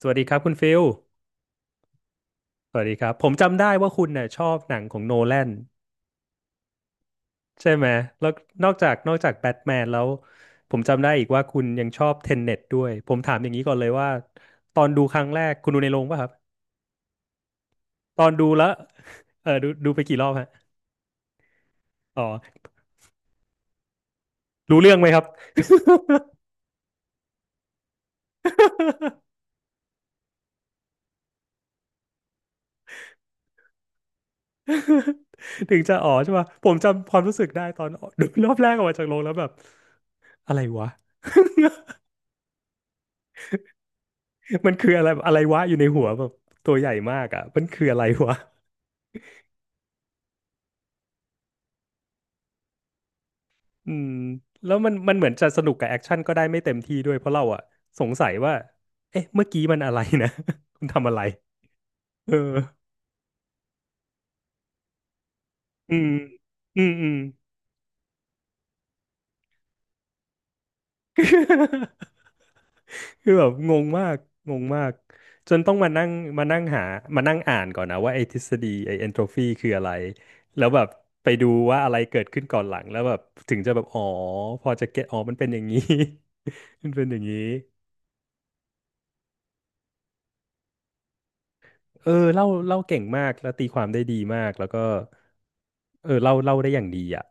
สวัสดีครับคุณฟิลสวัสดีครับ ผมจำได้ว่าคุณเนี่ยชอบหนังของโนแลนใช่ไหมแล้วนอกจากแบทแมนแล้วผมจำได้อีกว่าคุณยังชอบเทนเน็ตด้วย ผมถามอย่างนี้ก่อนเลยว่าตอนดูครั้งแรกคุณดูในโรงป่ะครับ ตอนดูแล้ว เออดูไปกี่รอบฮะ อ๋อ รู้เรื่องไหมครับ ถึงจะอ๋อใช่ป่ะผมจำความรู้สึกได้ตอนดูรอบแรกออกมาจากโรงแล้วแบบอะไรวะมันคืออะไรอะไรวะอยู่ในหัวแบบตัวใหญ่มากอ่ะมันคืออะไรวะ อืมแล้วมันเหมือนจะสนุกกับแอคชั่นก็ได้ไม่เต็มที่ด้วยเพราะเราอะสงสัยว่าเอ๊ะเมื่อกี้มันอะไรนะ คุณทำอะไรเอออืมอืม คือแบบงงมากงงมากจนต้องมานั่งหามานั่งอ่านก่อนนะว่าไอ้ทฤษฎีไอ้เอนโทรฟีคืออะไรแล้วแบบไปดูว่าอะไรเกิดขึ้นก่อนหลังแล้วแบบถึงจะแบบอ๋อพอจะเก็ตอ๋อมันเป็นอย่างนี้ มันเป็นอย่างนี้ เออเล่าเก่งมากแล้วตีความได้ดีมากแล้วก็เออเล่าได้อย่างดีอ่ะ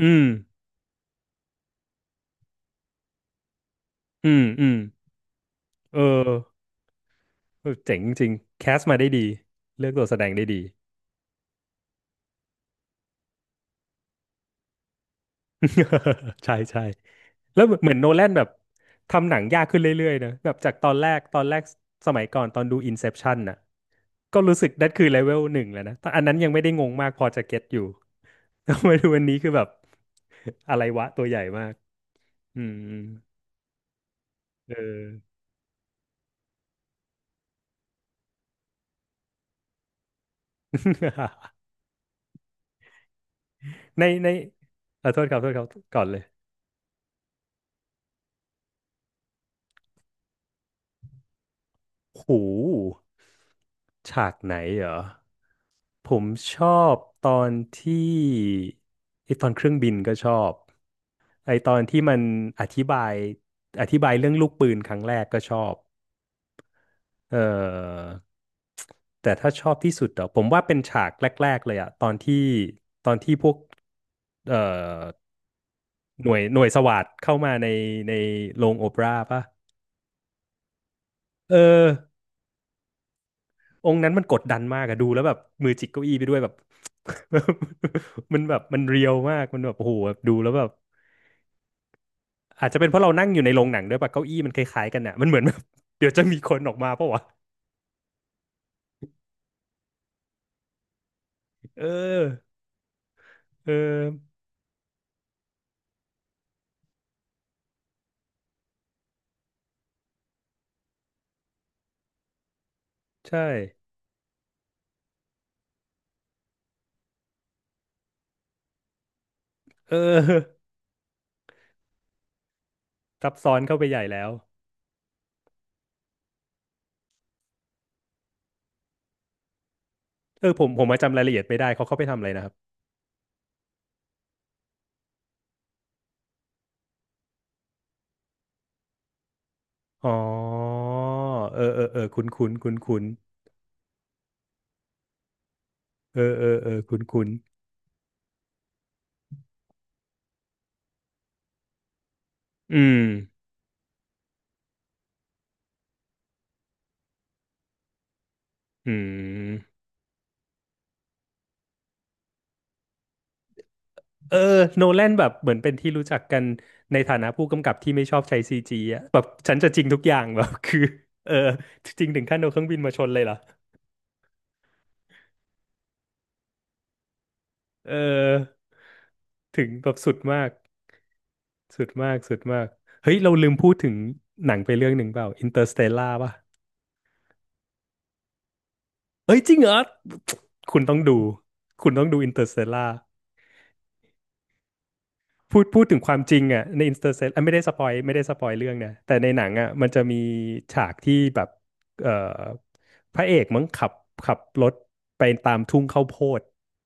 อืมอืมอืมเออเออเจ๋งจริงแคสมาได้ดีเลือกตัวแสดงได้ดี ใช่ใช่แล้วเหมือนโนแลนแบบทำหนังยากขึ้นเรื่อยๆนะแบบจากตอนแรกสมัยก่อนตอนดู Inception น่ะก็รู้สึกนั่นคือเลเวลหนึ่งแล้วนะแต่อันนั้นยังไม่ได้งงมากพอจะเก็ตอยู่ แต่มาดูวันนี้คือแบบอะไรวะตัวใหญ่มากอืมเออ ในเออโทษครับก่อนเลยหูฉากไหนเหรอผมชอบตอนที่ไอตอนเครื่องบินก็ชอบไอตอนที่มันอธิบายอธิบายเรื่องลูกปืนครั้งแรกก็ชอบเออแต่ถ้าชอบที่สุดเหรอผมว่าเป็นฉากแรกๆเลยอะตอนที่พวกเอ่อหน่วยสวาทเข้ามาในโรงโอเปร่าป่ะเออ องค์นั้นมันกดดันมากอะดูแล้วแบบมือจิกเก้าอี้ไปด้วยแบบ มันแบบมันเรียวมากมันแบบโอ้โหแบบดูแล้วแบบอาจจะเป็นเพราะเรานั่งอยู่ในโรงหนังด้วยปะเก้าอี้มันคล้ายๆกันอะมันเหมือนแบบ เดี๋ยวจะมีคนออกมาปะวะเออเออใช่เออ ซับซ้อนเข้าไปใหญ่แล้วเออผมมารายละเอียดไม่ได้เขาเข้าไปทำอะไรนะครับอ๋อเออคุ้นคุ้นคุ้นคุ้นๆเออเออเออคุ้นคุ้นๆอืมอืม เออโนแลนแบบเหมือนเป็นที่รู้จักกันในฐานะผู้กำกับที่ไม่ชอบใช้ซีจีอะแบบฉันจะจริงทุกอย่างแบบคือเออจริงถึงขั้นเอาเครื่องบินมาชนเลยเหรอเออถึงแบบสุดมากเฮ้ยเราลืมพูดถึงหนังไปเรื่องหนึ่งเปล่าอินเตอร์สเตลล่าป่ะเอ้ยจริงเหรอคุณต้องดูคุณต้องดูอินเตอร์สเตลล่า พูดถึงความจริงอ่ะในอินเตอร์เซอ่ะไม่ได้สปอยเรื่องนะแต่ในหนังอ่ะมันจะมีฉากที่แบบเอ่อพระเอกมั้งขับรถไปตามทุ่งข้าวโพด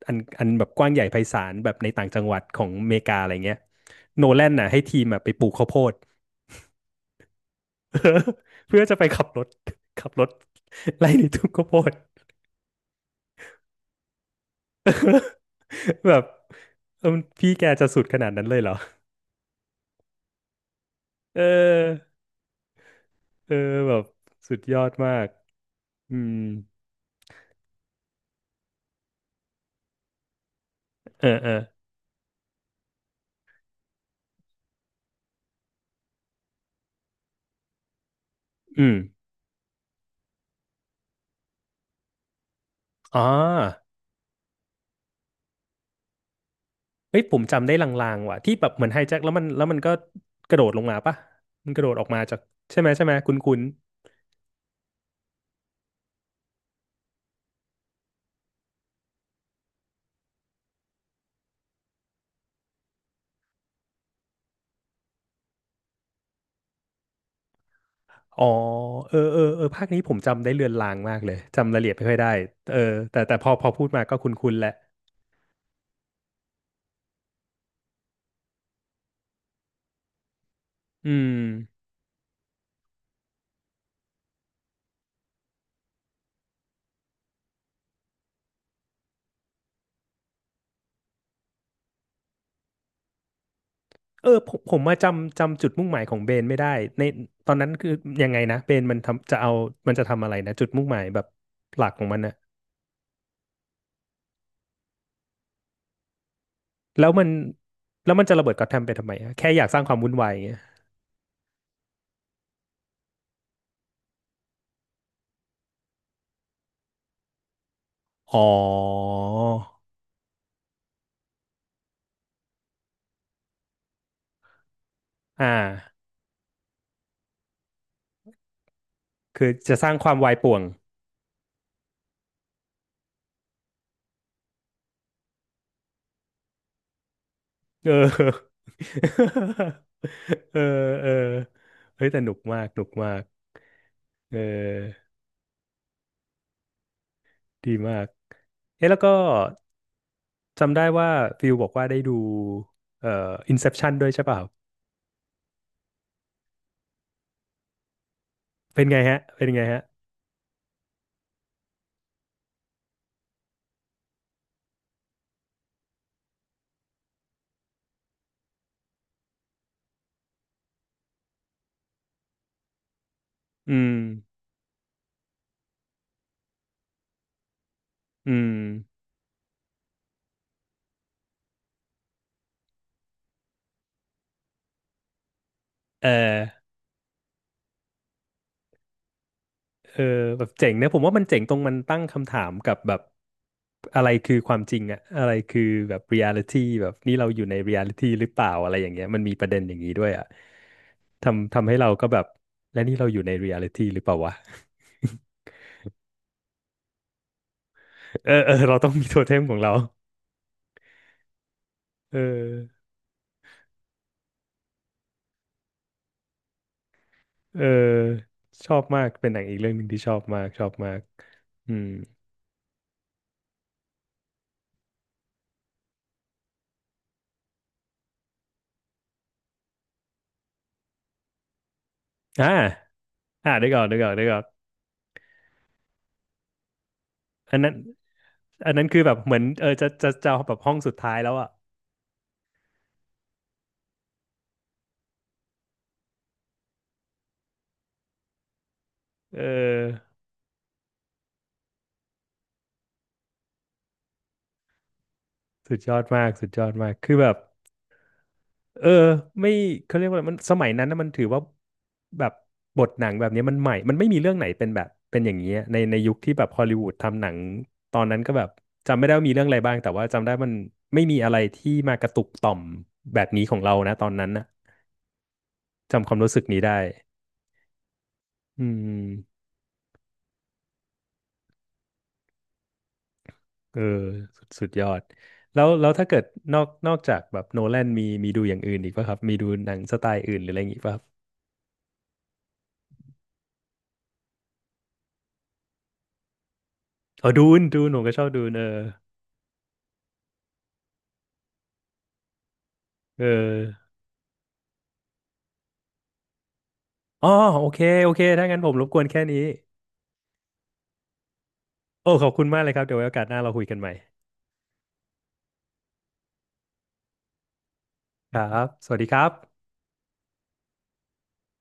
อันแบบกว้างใหญ่ไพศาลแบบในต่างจังหวัดของอเมริกาอะไรเงี้ยโนแลนน่ะให้ทีมอ่ะไปปลูกข้าวโพด เพื่อจะไปขับรถไล่ในทุ่งข้าวโพด แบบเออพี่แกจะสุดขนาดนั้นเลยเหรอเออเออแบบสุดยอดมากอืม เออเอออืมอ๋อเฮ้ยผมจำได้ลางๆว่ะที่แบบเหมือนไฮแจ็คแล้วมันแล้วมันก็กระโดดลงมาปะมันกระโดดออกมาจากใช่ไหมคุณคุณอ๋อเออภาคนี้ผมจำได้เลือนลางมากเลยจำรายละเอียดไม่ค่อยได้เออแต่พอพูดมาก็คุ้นคุนแหละอืมเออผมมาจำจุดมุ่งหมายของเบนไม่ได้ในตอนนั้นคือยังไงนะเบนมันจะทำอะไรนะจุดมุ่งหมายแบบหลักของมันนะแล้วมันแล้วมันจะระเบิดก็อตแทมไปทำไมอะแค่อยากสร้างความวุ่นวาย อ๋ออ่าคือจะสร้างความวายป่วง เออ เออเออเฮ้ยแต่หนุกมากเออดีมาก เอ๊ะแล้วก็จำได้ว่าฟิลบอกว่าได้ดูเอ่อ Inception ด้วยใช่เปล่าเป็นไงฮะอืมอืมเออ เออแบบเจ๋งนะผมว่ามันเจ๋งตรงมันตั้งคำถามกับแบบอะไรคือความจริงอะอะไรคือแบบเรียลิตี้แบบนี่เราอยู่ในเรียลิตี้หรือเปล่าอะไรอย่างเงี้ยมันมีประเด็นอย่างนี้ด้วยอะทำให้เราก็แบบและนี่เราอยู่ในเรียลิตี้หรือเปล่าวะ เออเออเราต้องมีโทเทมของเราเออเออชอบมากเป็นหนังอีกเรื่องหนึ่งที่ชอบมากอืมอ่าเดี๋ยวก่อนอันนั้นอันนั้นคือแบบเหมือนเออจะแบบห้องสุดท้ายแล้วอ่ะเออ สุดยอดมากคือแบบเออไม่เขาเรียกว่าอะไรมันสมัยนั้นนะมันถือว่าแบบบทหนังแบบนี้มันใหม่มันไม่มีเรื่องไหนเป็นแบบเป็นอย่างนี้อะในยุคที่แบบฮอลลีวูดทำหนังตอนนั้นก็แบบจำไม่ได้ว่ามีเรื่องอะไรบ้างแต่ว่าจำได้มันไม่มีอะไรที่มากระตุกต่อมแบบนี้ของเรานะตอนนั้นนะจำความรู้สึกนี้ได้อืมเออสุดยอดแล้วถ้าเกิดนอกจากแบบโนแลนมีดูอย่างอื่นอีกป่ะครับมีดูหนังสไตล์อื่นหรืออะไรอย่างงี้ป่ะครับอ๋อดูนผมก็ชอบดูนเออ เอออ๋อโอเค โอเค ถ้างั้นผมรบกวนแค่นี้ โอ้ ขอบคุณมากเลยครับ เดี๋ยวไว้โอกาสหน้าเราคุยกันใหม่ ครับ สวัสดีครับ